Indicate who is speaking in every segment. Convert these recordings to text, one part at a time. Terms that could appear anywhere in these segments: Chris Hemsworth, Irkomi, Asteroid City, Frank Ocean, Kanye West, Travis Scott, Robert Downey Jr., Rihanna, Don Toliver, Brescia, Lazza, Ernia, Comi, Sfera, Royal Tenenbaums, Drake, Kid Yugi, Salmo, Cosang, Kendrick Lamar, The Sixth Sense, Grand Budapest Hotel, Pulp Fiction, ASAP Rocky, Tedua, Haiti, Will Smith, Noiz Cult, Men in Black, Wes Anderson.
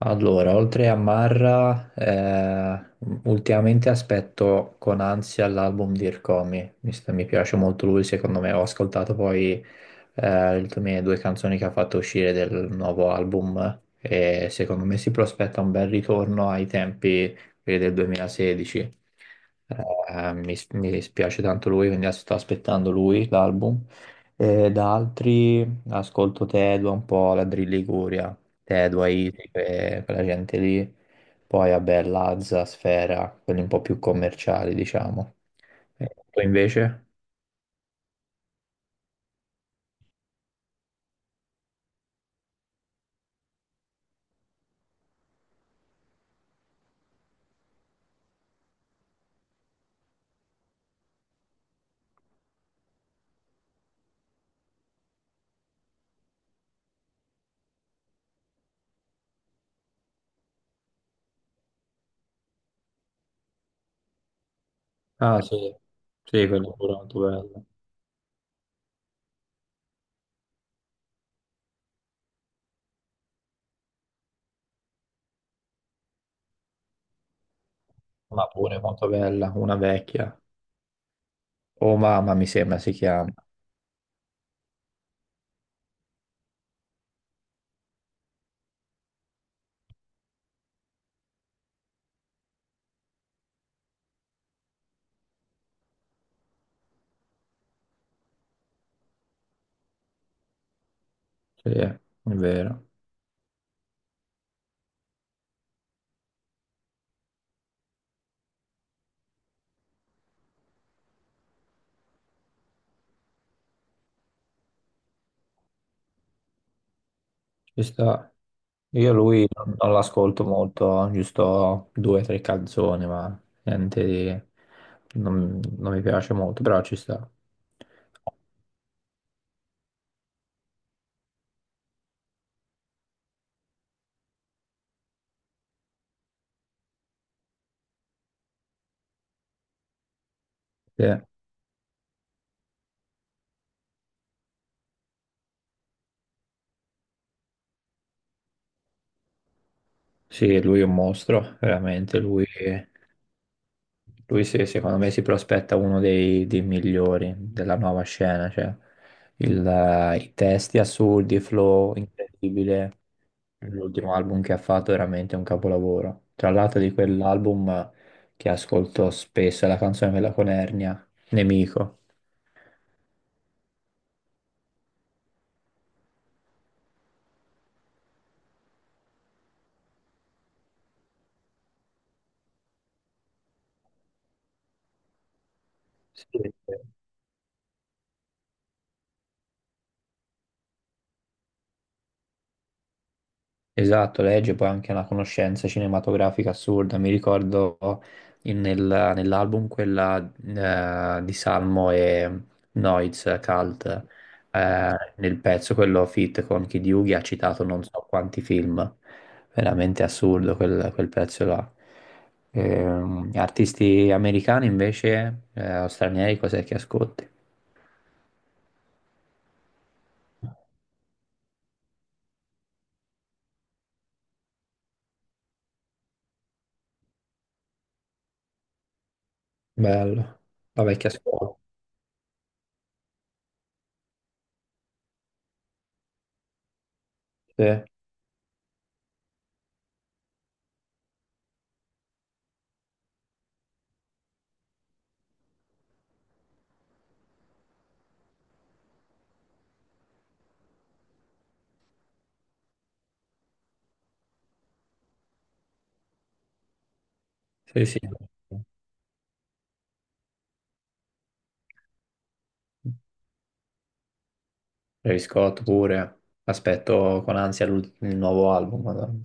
Speaker 1: Allora, oltre a Marra, ultimamente aspetto con ansia l'album di Irkomi, mi piace molto lui. Secondo me, ho ascoltato poi le mie due canzoni che ha fatto uscire del nuovo album e secondo me si prospetta un bel ritorno ai tempi quelli del 2016. Mi spiace tanto lui, quindi sto aspettando lui l'album. E da altri ascolto Tedua un po', la Drill Liguria, Te, Haiti, quella gente lì. Poi, vabbè, Lazza, Sfera, quelli un po' più commerciali, diciamo. E tu invece? Ah, sì. Sì, quella pure molto bella. Ma pure molto bella, una vecchia. Oh, mamma, mi sembra si chiama. Sì, è vero. Ci sta. Io lui non l'ascolto molto, giusto 2 o 3 canzoni, ma niente di... non mi piace molto, però ci sta. Sì. Sì, lui è un mostro, veramente. Lui sì, secondo me si prospetta uno dei migliori della nuova scena. Cioè, i testi assurdi, flow incredibile. L'ultimo album che ha fatto è veramente un capolavoro. Tra l'altro, di quell'album che ascolto spesso è la canzone quella con Ernia, Nemico. Sì, sì. Esatto, legge poi anche una conoscenza cinematografica assurda. Mi ricordo nell'album quella di Salmo e Noiz Cult, nel pezzo quello fit con Kid Yugi ha citato non so quanti film. Veramente assurdo quel pezzo là. Artisti americani invece, o stranieri, cos'è che ascolti? Bello, la vecchia scuola. Sì, sì, sì. Travis Scott pure. Aspetto con ansia il nuovo album, Madonna.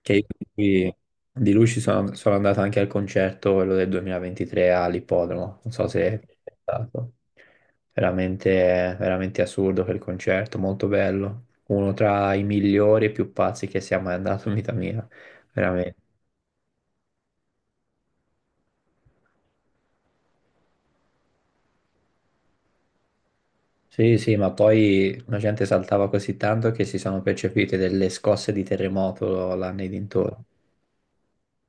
Speaker 1: Che io di, di lui sono andato anche al concerto, quello del 2023 all'Ippodromo. Non so se è stato. Veramente, veramente assurdo quel concerto, molto bello. Uno tra i migliori e più pazzi che sia mai andato in vita mia. Veramente. Sì, sì, ma poi la gente saltava così tanto che si sono percepite delle scosse di terremoto là nei dintorni.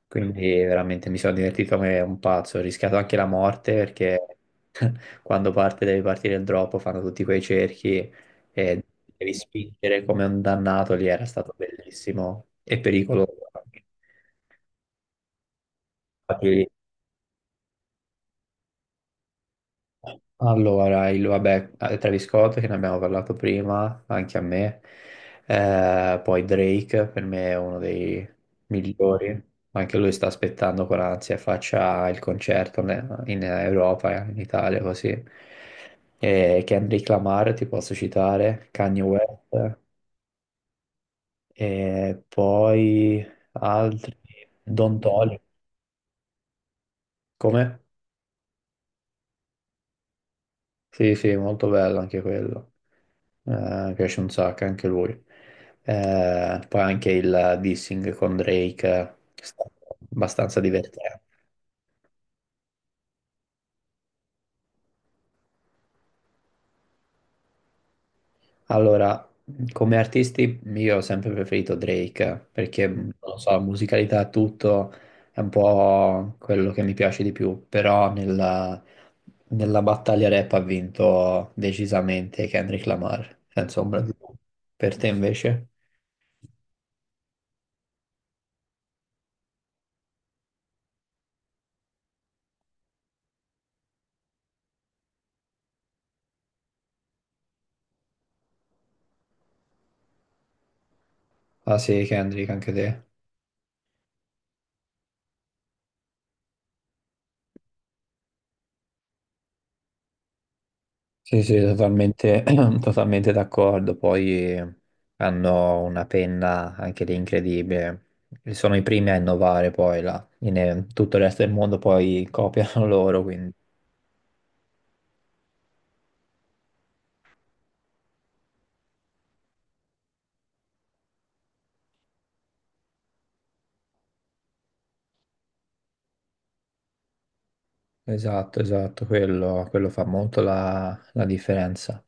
Speaker 1: Quindi veramente mi sono divertito come un pazzo, ho rischiato anche la morte perché quando parte deve partire il drop fanno tutti quei cerchi e devi spingere come un dannato lì, era stato bellissimo e pericoloso anche. Allora, Travis Scott che ne abbiamo parlato prima, anche a me. Poi Drake per me è uno dei migliori, anche lui sta aspettando con ansia, faccia il concerto in Europa, in Italia così. E Kendrick Lamar ti posso citare, Kanye West, e poi altri, Don Toliver, come? Sì, sì, molto bello anche quello. Eh, mi piace un sacco anche lui. Poi anche il dissing con Drake è stato abbastanza divertente. Allora, come artisti io ho sempre preferito Drake perché, non lo so, musicalità e tutto è un po' quello che mi piace di più, però nella battaglia rap ha vinto decisamente Kendrick Lamar, senza ombra di dubbio. Per te invece? Ah sì, Kendrick, anche te. Sì, sì, totalmente, totalmente d'accordo. Poi hanno una penna anche lì incredibile. Sono i primi a innovare poi là. Tutto il resto del mondo poi copiano loro, quindi. Esatto, esatto, quello fa molto la differenza.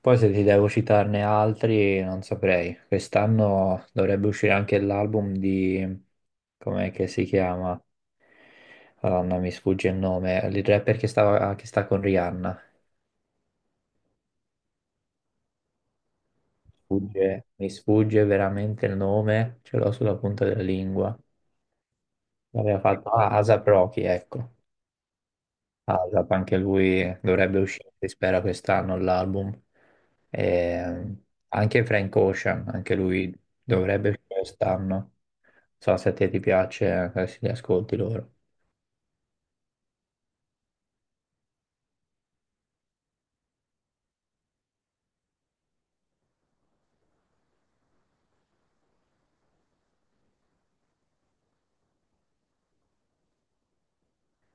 Speaker 1: Poi se ti devo citarne altri, non saprei. Quest'anno dovrebbe uscire anche l'album di... Com'è che si chiama? Madonna, mi sfugge il nome. Il rapper che sta con Rihanna. Mi sfugge veramente il nome, ce l'ho sulla punta della lingua. L'aveva fatto ah, ASAP Rocky, ecco. ASAP, anche lui dovrebbe uscire, si spera, quest'anno l'album. E anche Frank Ocean, anche lui dovrebbe uscire quest'anno. Non so se a te ti piace, se li ascolti loro.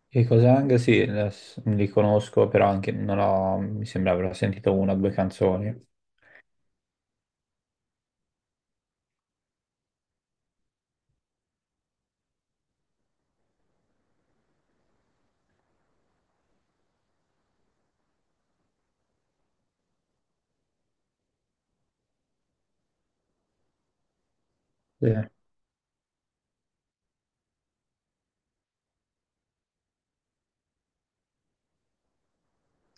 Speaker 1: E Cosang, sì, li conosco, però anche non ho, mi sembra avrò sentito 1 o 2 canzoni. Sì.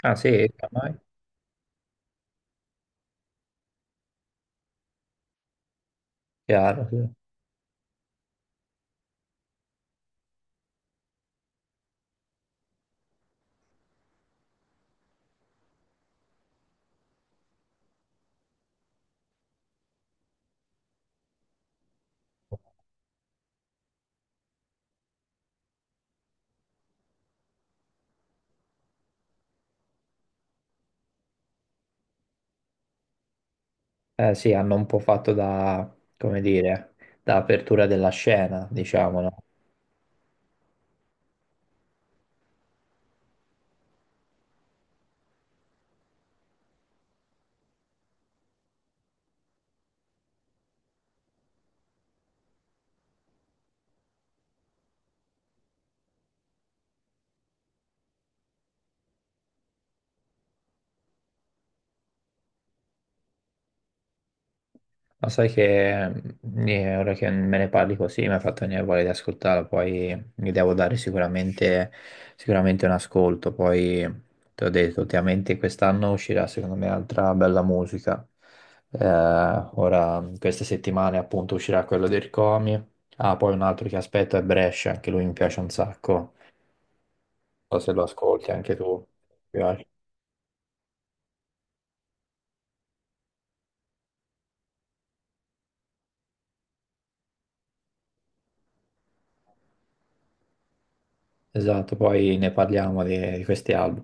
Speaker 1: Ah sì, ormai, chiaro, sì. Eh sì, hanno un po' fatto da, come dire, da apertura della scena, diciamo, no? Ma sai che ora che me ne parli così mi ha fatto venire voglia di ascoltarlo, poi mi devo dare sicuramente, sicuramente un ascolto, poi ti ho detto, ultimamente quest'anno uscirà secondo me altra bella musica. Ora, queste settimane appunto uscirà quello del Comi, ah, poi un altro che aspetto è Brescia, anche lui mi piace un sacco, non so se lo ascolti anche tu, mi piace. Esatto, poi ne parliamo di questi album.